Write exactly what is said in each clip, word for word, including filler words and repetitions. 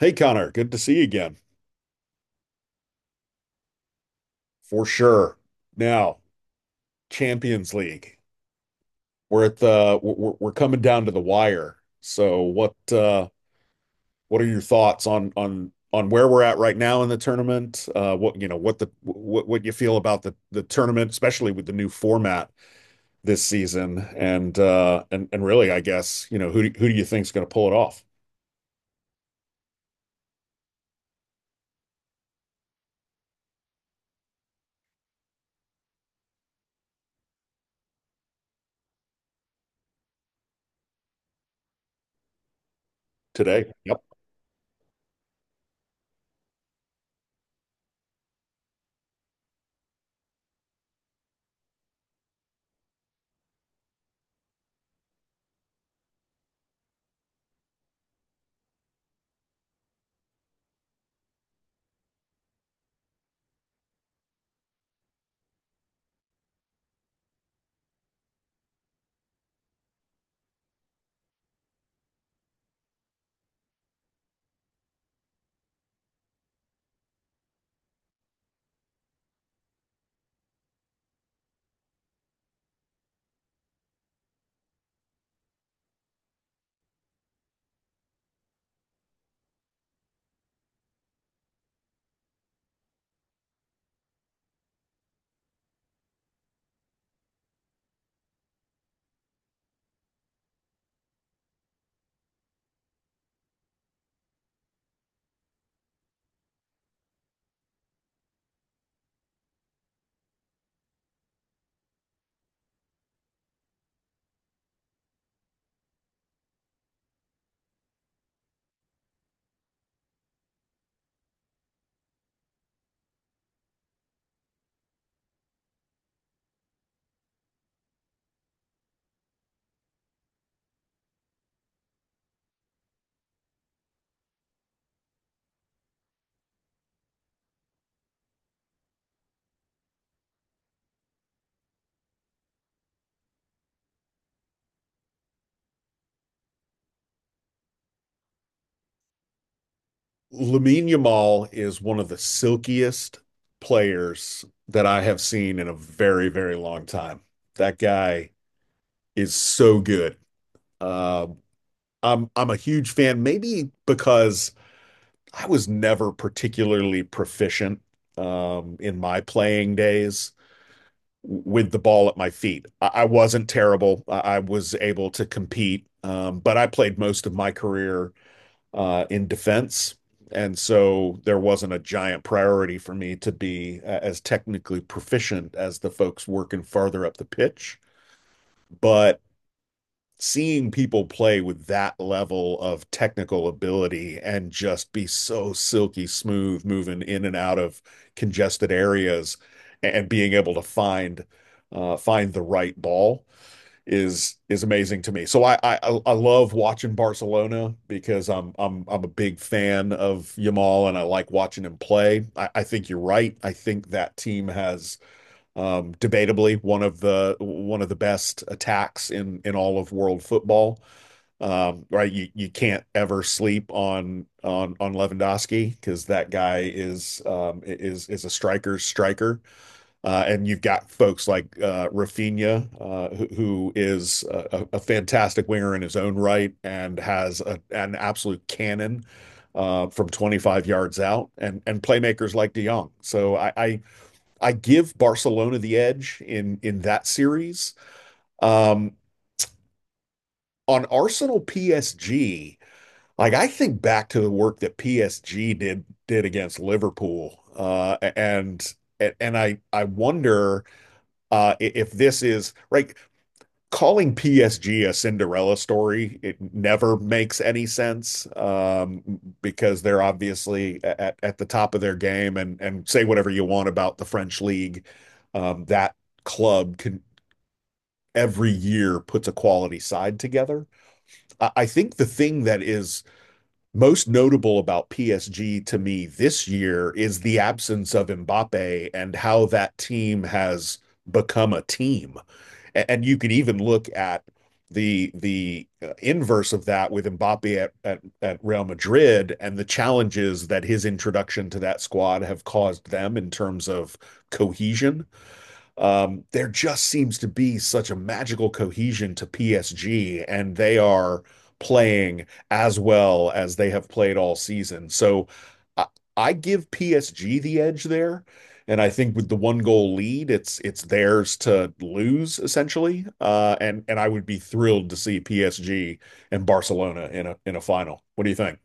Hey Connor, good to see you again. For sure. Now, Champions League. We're at the we're we're coming down to the wire. So what uh what are your thoughts on on on where we're at right now in the tournament? Uh what you know, what the what what you feel about the the tournament, especially with the new format this season and uh and and really I guess, you know, who do, who do you think's going to pull it off today? Yep. Lamine Yamal is one of the silkiest players that I have seen in a very, very long time. That guy is so good. Uh, I'm I'm a huge fan, maybe because I was never particularly proficient um, in my playing days with the ball at my feet. I, I wasn't terrible. I, I was able to compete, um, but I played most of my career uh, in defense. And so there wasn't a giant priority for me to be uh, as technically proficient as the folks working farther up the pitch. But seeing people play with that level of technical ability and just be so silky smooth moving in and out of congested areas and being able to find uh, find the right ball is is amazing to me. So I I I love watching Barcelona because I'm I'm I'm a big fan of Yamal and I like watching him play. I, I think you're right. I think that team has um, debatably one of the one of the best attacks in in all of world football. Um, right, you you can't ever sleep on on on Lewandowski because that guy is um, is is a striker's striker. Uh, and you've got folks like uh, Rafinha, uh, who, who is a, a fantastic winger in his own right and has a, an absolute cannon uh, from twenty-five yards out, and and playmakers like De Jong. So I I, I give Barcelona the edge in in that series. Um, on Arsenal P S G, like I think back to the work that P S G did did against Liverpool, uh, and and I I wonder. Uh, If this is right, calling P S G a Cinderella story, it never makes any sense, um, because they're obviously at at the top of their game, and and say whatever you want about the French league. Um, That club can every year puts a quality side together. I I think the thing that is most notable about P S G to me this year is the absence of Mbappé and how that team has become a team. And, you could even look at the the uh, inverse of that with Mbappe at, at at Real Madrid and the challenges that his introduction to that squad have caused them in terms of cohesion. Um, there just seems to be such a magical cohesion to P S G, and they are playing as well as they have played all season. So I, I give P S G the edge there. And I think with the one goal lead, it's it's theirs to lose essentially. Uh, and and I would be thrilled to see P S G and Barcelona in a in a final. What do you think?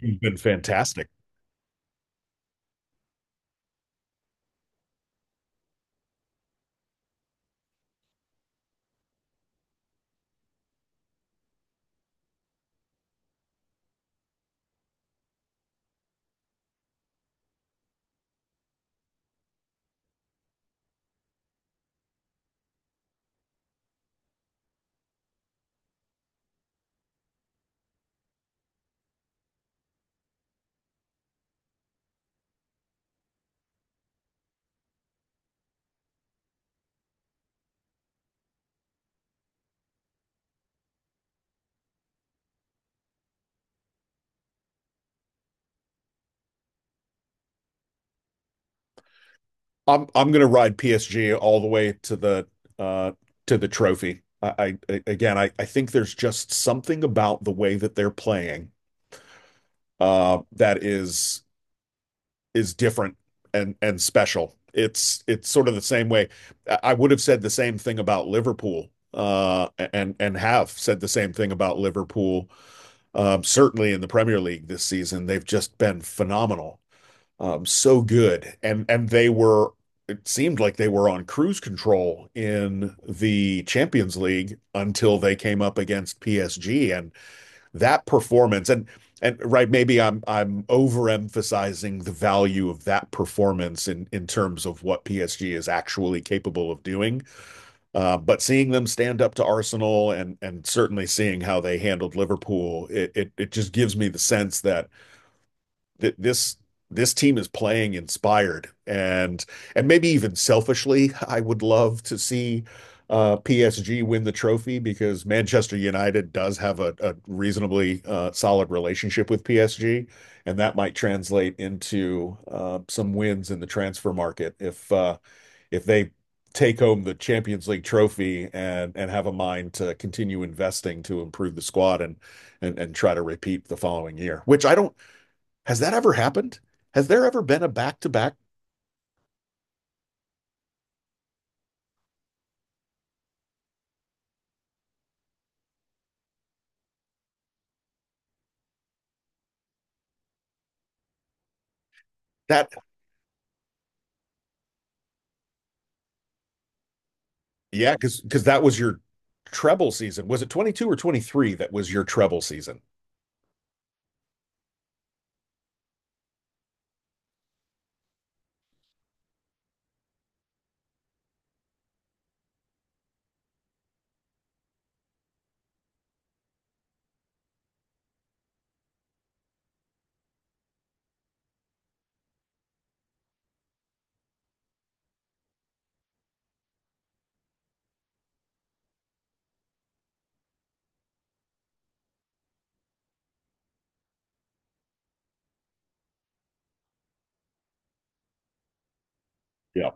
You've been fantastic. I'm I'm gonna ride P S G all the way to the uh to the trophy. I, I again I, I think there's just something about the way that they're playing uh that is is different and and special. It's it's sort of the same way. I would have said the same thing about Liverpool uh and and have said the same thing about Liverpool um certainly in the Premier League this season. They've just been phenomenal, um, so good. And and they were, it seemed like they were on cruise control in the Champions League until they came up against P S G and that performance. And and right, maybe I'm I'm overemphasizing the value of that performance in in terms of what P S G is actually capable of doing. Uh, But seeing them stand up to Arsenal and and certainly seeing how they handled Liverpool, it it it just gives me the sense that th this this team is playing inspired, and and maybe even selfishly, I would love to see uh, P S G win the trophy because Manchester United does have a, a reasonably uh, solid relationship with P S G, and that might translate into uh, some wins in the transfer market if uh, if they take home the Champions League trophy, and and have a mind to continue investing to improve the squad, and and and try to repeat the following year, which I don't. Has that ever happened? Has there ever been a back to back? That? Yeah, because because that was your treble season. Was it twenty two or twenty three that was your treble season? Yeah.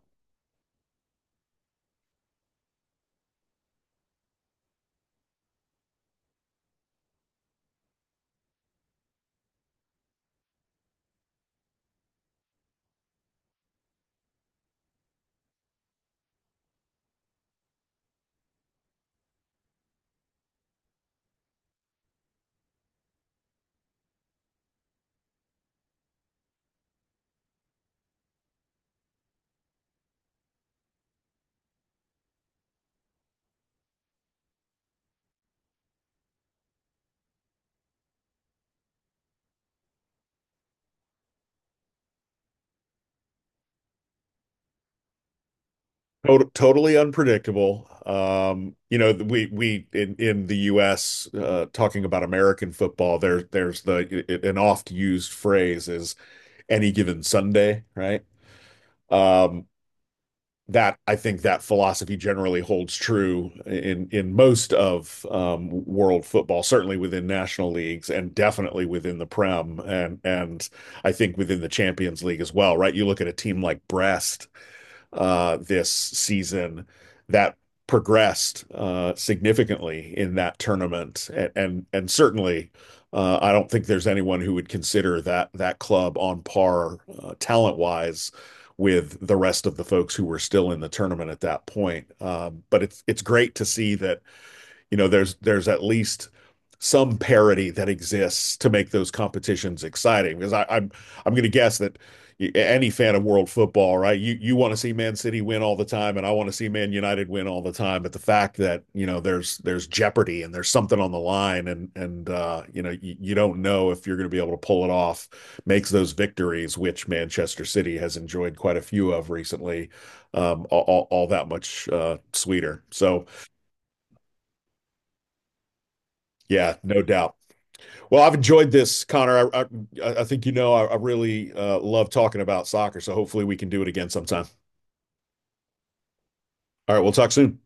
Tot- totally unpredictable. Um, you know, we we in in the U S. Uh, talking about American football, there there's the an oft used phrase is any given Sunday, right? Um, that I think that philosophy generally holds true in in most of um, world football, certainly within national leagues, and definitely within the Prem, and and I think within the Champions League as well. Right? You look at a team like Brest, uh, this season that progressed uh, significantly in that tournament. And and and certainly, uh, I don't think there's anyone who would consider that that club on par uh, talent-wise with the rest of the folks who were still in the tournament at that point. Um, But it's it's great to see that, you know, there's there's at least some parity that exists to make those competitions exciting. Because I, I'm I'm gonna guess that any fan of world football, right? You you wanna see Man City win all the time, and I wanna see Man United win all the time. But the fact that, you know, there's there's jeopardy and there's something on the line, and, and uh, you know, you you don't know if you're gonna be able to pull it off makes those victories, which Manchester City has enjoyed quite a few of recently, um, all all, all that much uh, sweeter. So yeah, no doubt. Well, I've enjoyed this, Connor. I I, I think you know I, I really uh, love talking about soccer, so hopefully we can do it again sometime. All right, we'll talk soon.